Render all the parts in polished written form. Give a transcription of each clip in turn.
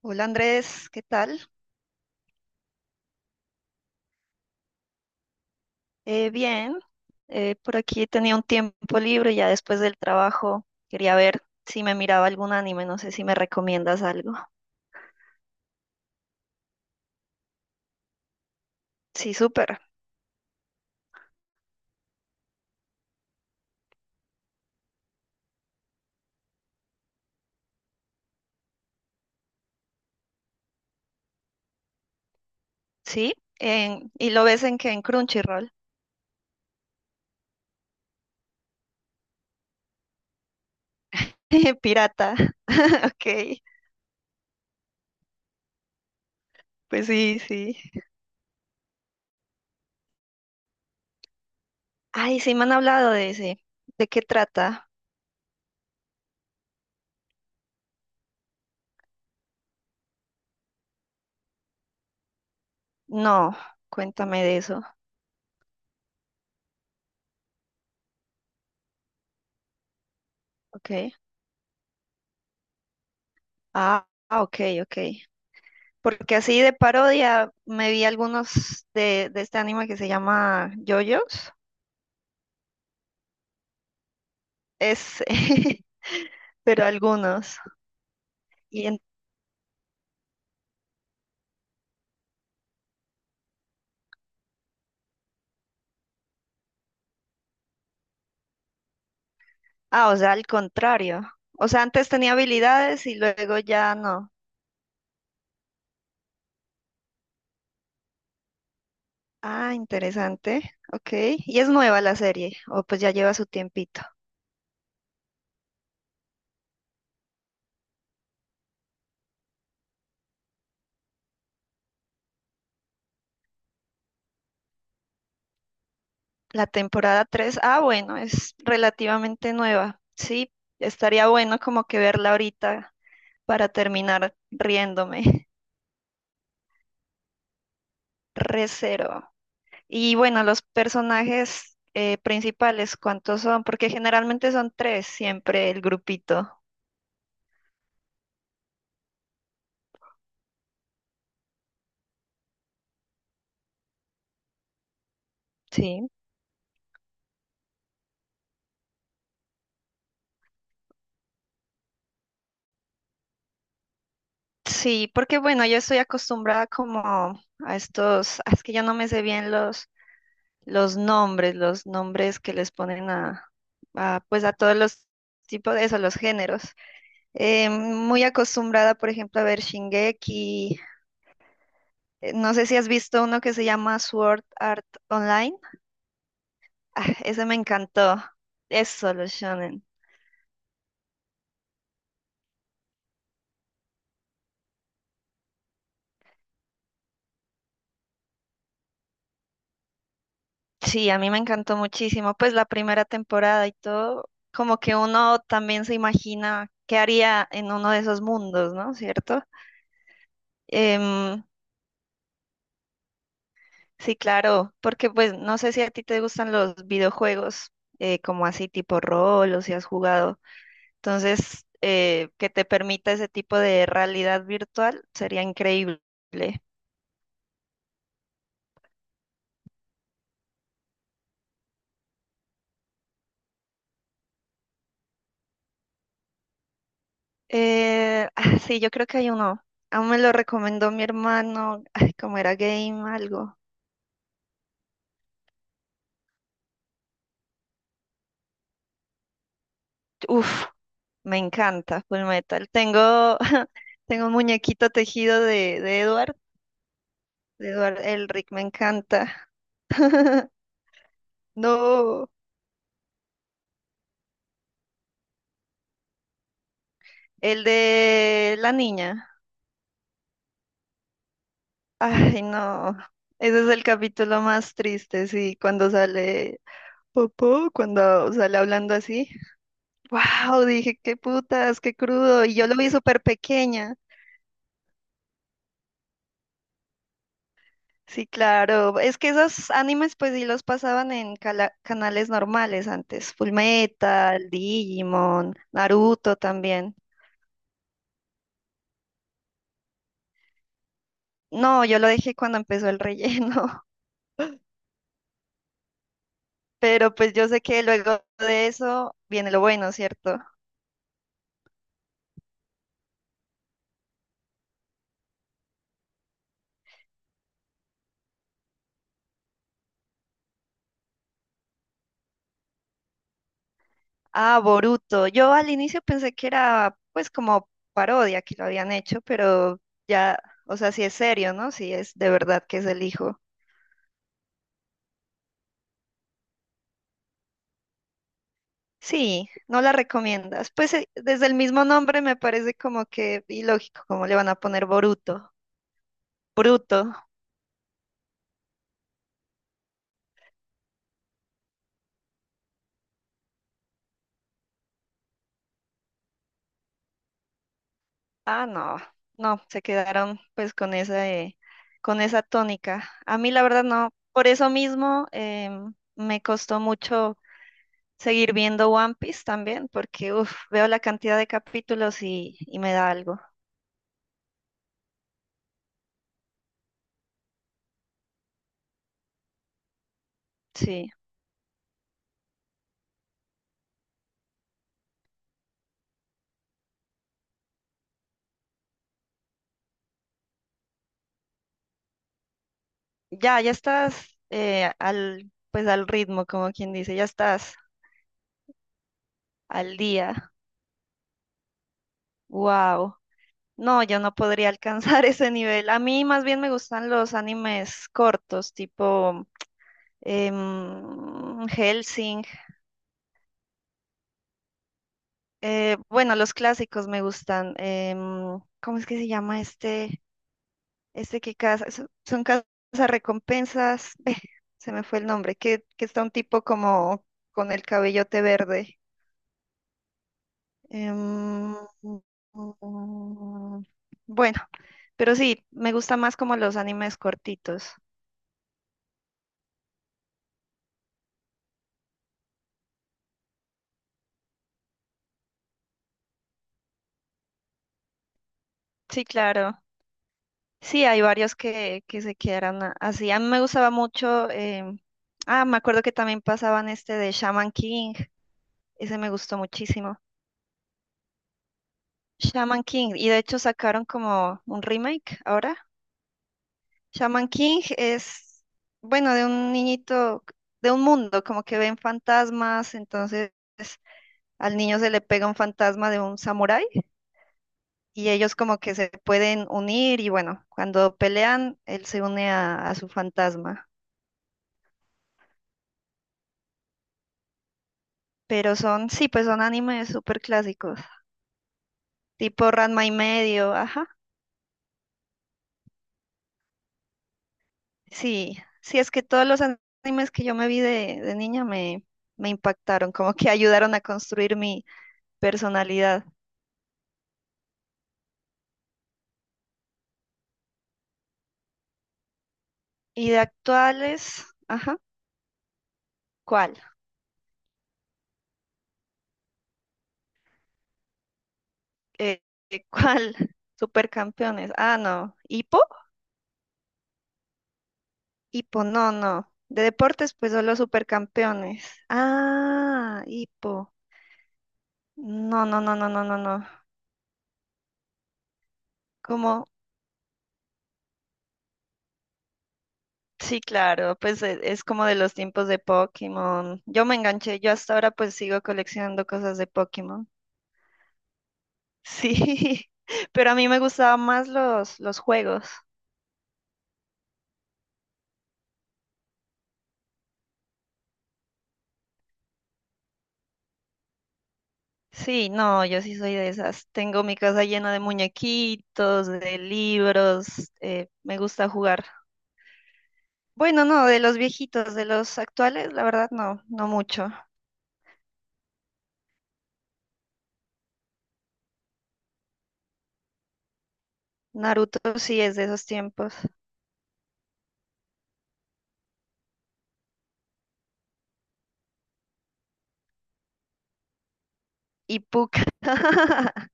Hola Andrés, ¿qué tal? Bien, por aquí tenía un tiempo libre ya después del trabajo. Quería ver si me miraba algún anime, no sé si me recomiendas algo. Sí, súper. Sí, ¿y lo ves en qué? En Crunchyroll. Pirata, ok. Pues sí, sí. Ay, sí me han hablado de ese. ¿De qué trata? No, cuéntame de eso. Ok. Ok, ok. Porque así de parodia me vi algunos de este anime que se llama JoJo's. Es, pero algunos. Y en- ah, o sea, al contrario. O sea, antes tenía habilidades y luego ya no. Ah, interesante. Ok. Y es nueva la serie. O pues ya lleva su tiempito. La temporada tres, ah, bueno, es relativamente nueva. Sí, estaría bueno como que verla ahorita para terminar riéndome. Recero. Y bueno, los personajes principales, ¿cuántos son? Porque generalmente son tres siempre el grupito. Sí. Sí, porque bueno, yo estoy acostumbrada como a estos, ah, es que yo no me sé bien los nombres que les ponen a, pues a todos los tipos de eso, los géneros. Muy acostumbrada, por ejemplo, a ver Shingeki. No sé si has visto uno que se llama Sword Art Online. Ah, ese me encantó. Es solo shonen. Sí, a mí me encantó muchísimo, pues la primera temporada y todo, como que uno también se imagina qué haría en uno de esos mundos, ¿no? ¿Cierto? Em, sí, claro, porque pues no sé si a ti te gustan los videojuegos, como así tipo rol o si has jugado, entonces que te permita ese tipo de realidad virtual sería increíble. Sí, yo creo que hay uno, aún me lo recomendó mi hermano, ay, como era game, algo. Uf, me encanta Full Metal. Tengo, tengo un muñequito tejido de Edward Elric, me encanta. No, el de la niña. Ay, no. Ese es el capítulo más triste, sí, cuando sale Popó, cuando sale hablando así. Wow, dije, qué putas, qué crudo. Y yo lo vi súper pequeña. Sí, claro. Es que esos animes, pues sí los pasaban en canales normales antes. Fullmetal, Digimon, Naruto también. No, yo lo dejé cuando empezó el relleno. Pero pues yo sé que luego de eso viene lo bueno, ¿cierto? Ah, Boruto. Yo al inicio pensé que era pues como parodia que lo habían hecho, pero ya, o sea, sí es serio, ¿no? Sí es de verdad que es el hijo. Sí, no la recomiendas. Pues desde el mismo nombre me parece como que ilógico, como le van a poner Boruto. Bruto. Ah, no, no, se quedaron pues con esa tónica. A mí la verdad no, por eso mismo, me costó mucho seguir viendo One Piece también, porque uf, veo la cantidad de capítulos y me da algo. Sí, ya estás al, pues al ritmo, como quien dice, ya estás al día. Wow. No, yo no podría alcanzar ese nivel. A mí más bien me gustan los animes cortos, tipo Hellsing. Bueno, los clásicos me gustan. ¿Cómo es que se llama este? Este que casa, son, son recompensas. Se me fue el nombre. Que está un tipo como con el cabellote verde. Em, mm, bueno, pero sí, me gusta más como los animes cortitos. Sí, claro. Sí, hay varios que se quedaron así. A mí me gustaba mucho. Me acuerdo que también pasaban este de Shaman King. Ese me gustó muchísimo. Shaman King. Y de hecho sacaron como un remake ahora. Shaman King es, bueno, de un niñito, de un mundo, como que ven fantasmas. Entonces al niño se le pega un fantasma de un samurái y ellos como que se pueden unir. Y bueno, cuando pelean, él se une a su fantasma. Pero son, sí, pues son animes súper clásicos, tipo Ranma y medio, ajá. Sí, sí, es que todos los animes que yo me vi de niña me impactaron, como que ayudaron a construir mi personalidad. Y de actuales, ajá, ¿cuál? Eh, ¿Cuál? Supercampeones. Ah, no, ¿Hipo? Hipo, no, no. De deportes, pues solo supercampeones. Ah, Hipo. No, no, no, no, no, no, no. Como sí, claro, pues es como de los tiempos de Pokémon. Yo me enganché, yo hasta ahora pues sigo coleccionando cosas de Pokémon. Sí, pero a mí me gustaban más los juegos. Sí, no, yo sí soy de esas. Tengo mi casa llena de muñequitos, de libros, me gusta jugar. Bueno, no, de los viejitos, de los actuales, la verdad no, no mucho. Naruto sí es de esos tiempos. Y Puck.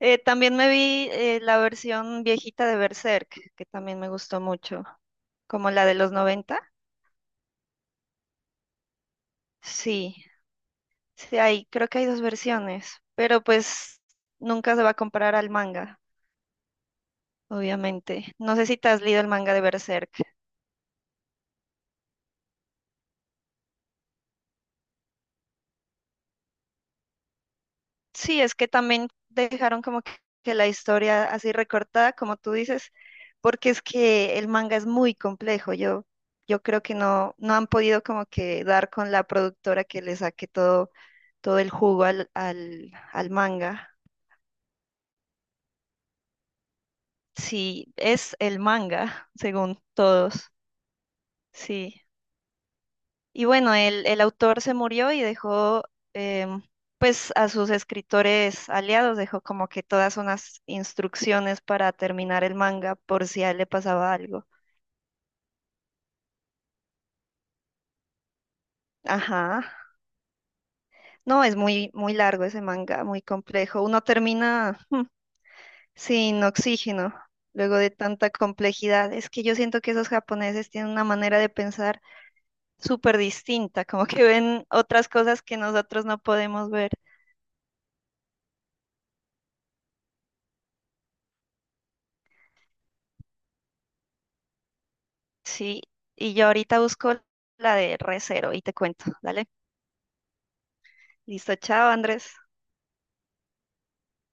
También me vi la versión viejita de Berserk, que también me gustó mucho, como la de los noventa. Sí, sí hay, creo que hay dos versiones, pero pues nunca se va a comparar al manga, obviamente. No sé si te has leído el manga de Berserk. Sí, es que también dejaron como que la historia así recortada, como tú dices, porque es que el manga es muy complejo. Yo creo que no, no han podido como que dar con la productora que le saque todo, todo el jugo al manga. Sí, es el manga, según todos. Sí. Y bueno, el autor se murió y dejó, em, pues, a sus escritores aliados, dejó como que todas unas instrucciones para terminar el manga por si a él le pasaba algo. Ajá. No, es muy, muy largo ese manga, muy complejo. Uno termina sin oxígeno luego de tanta complejidad. Es que yo siento que esos japoneses tienen una manera de pensar súper distinta, como que ven otras cosas que nosotros no podemos ver. Sí, y yo ahorita busco la de Recero y te cuento. Dale. Listo, chao, Andrés.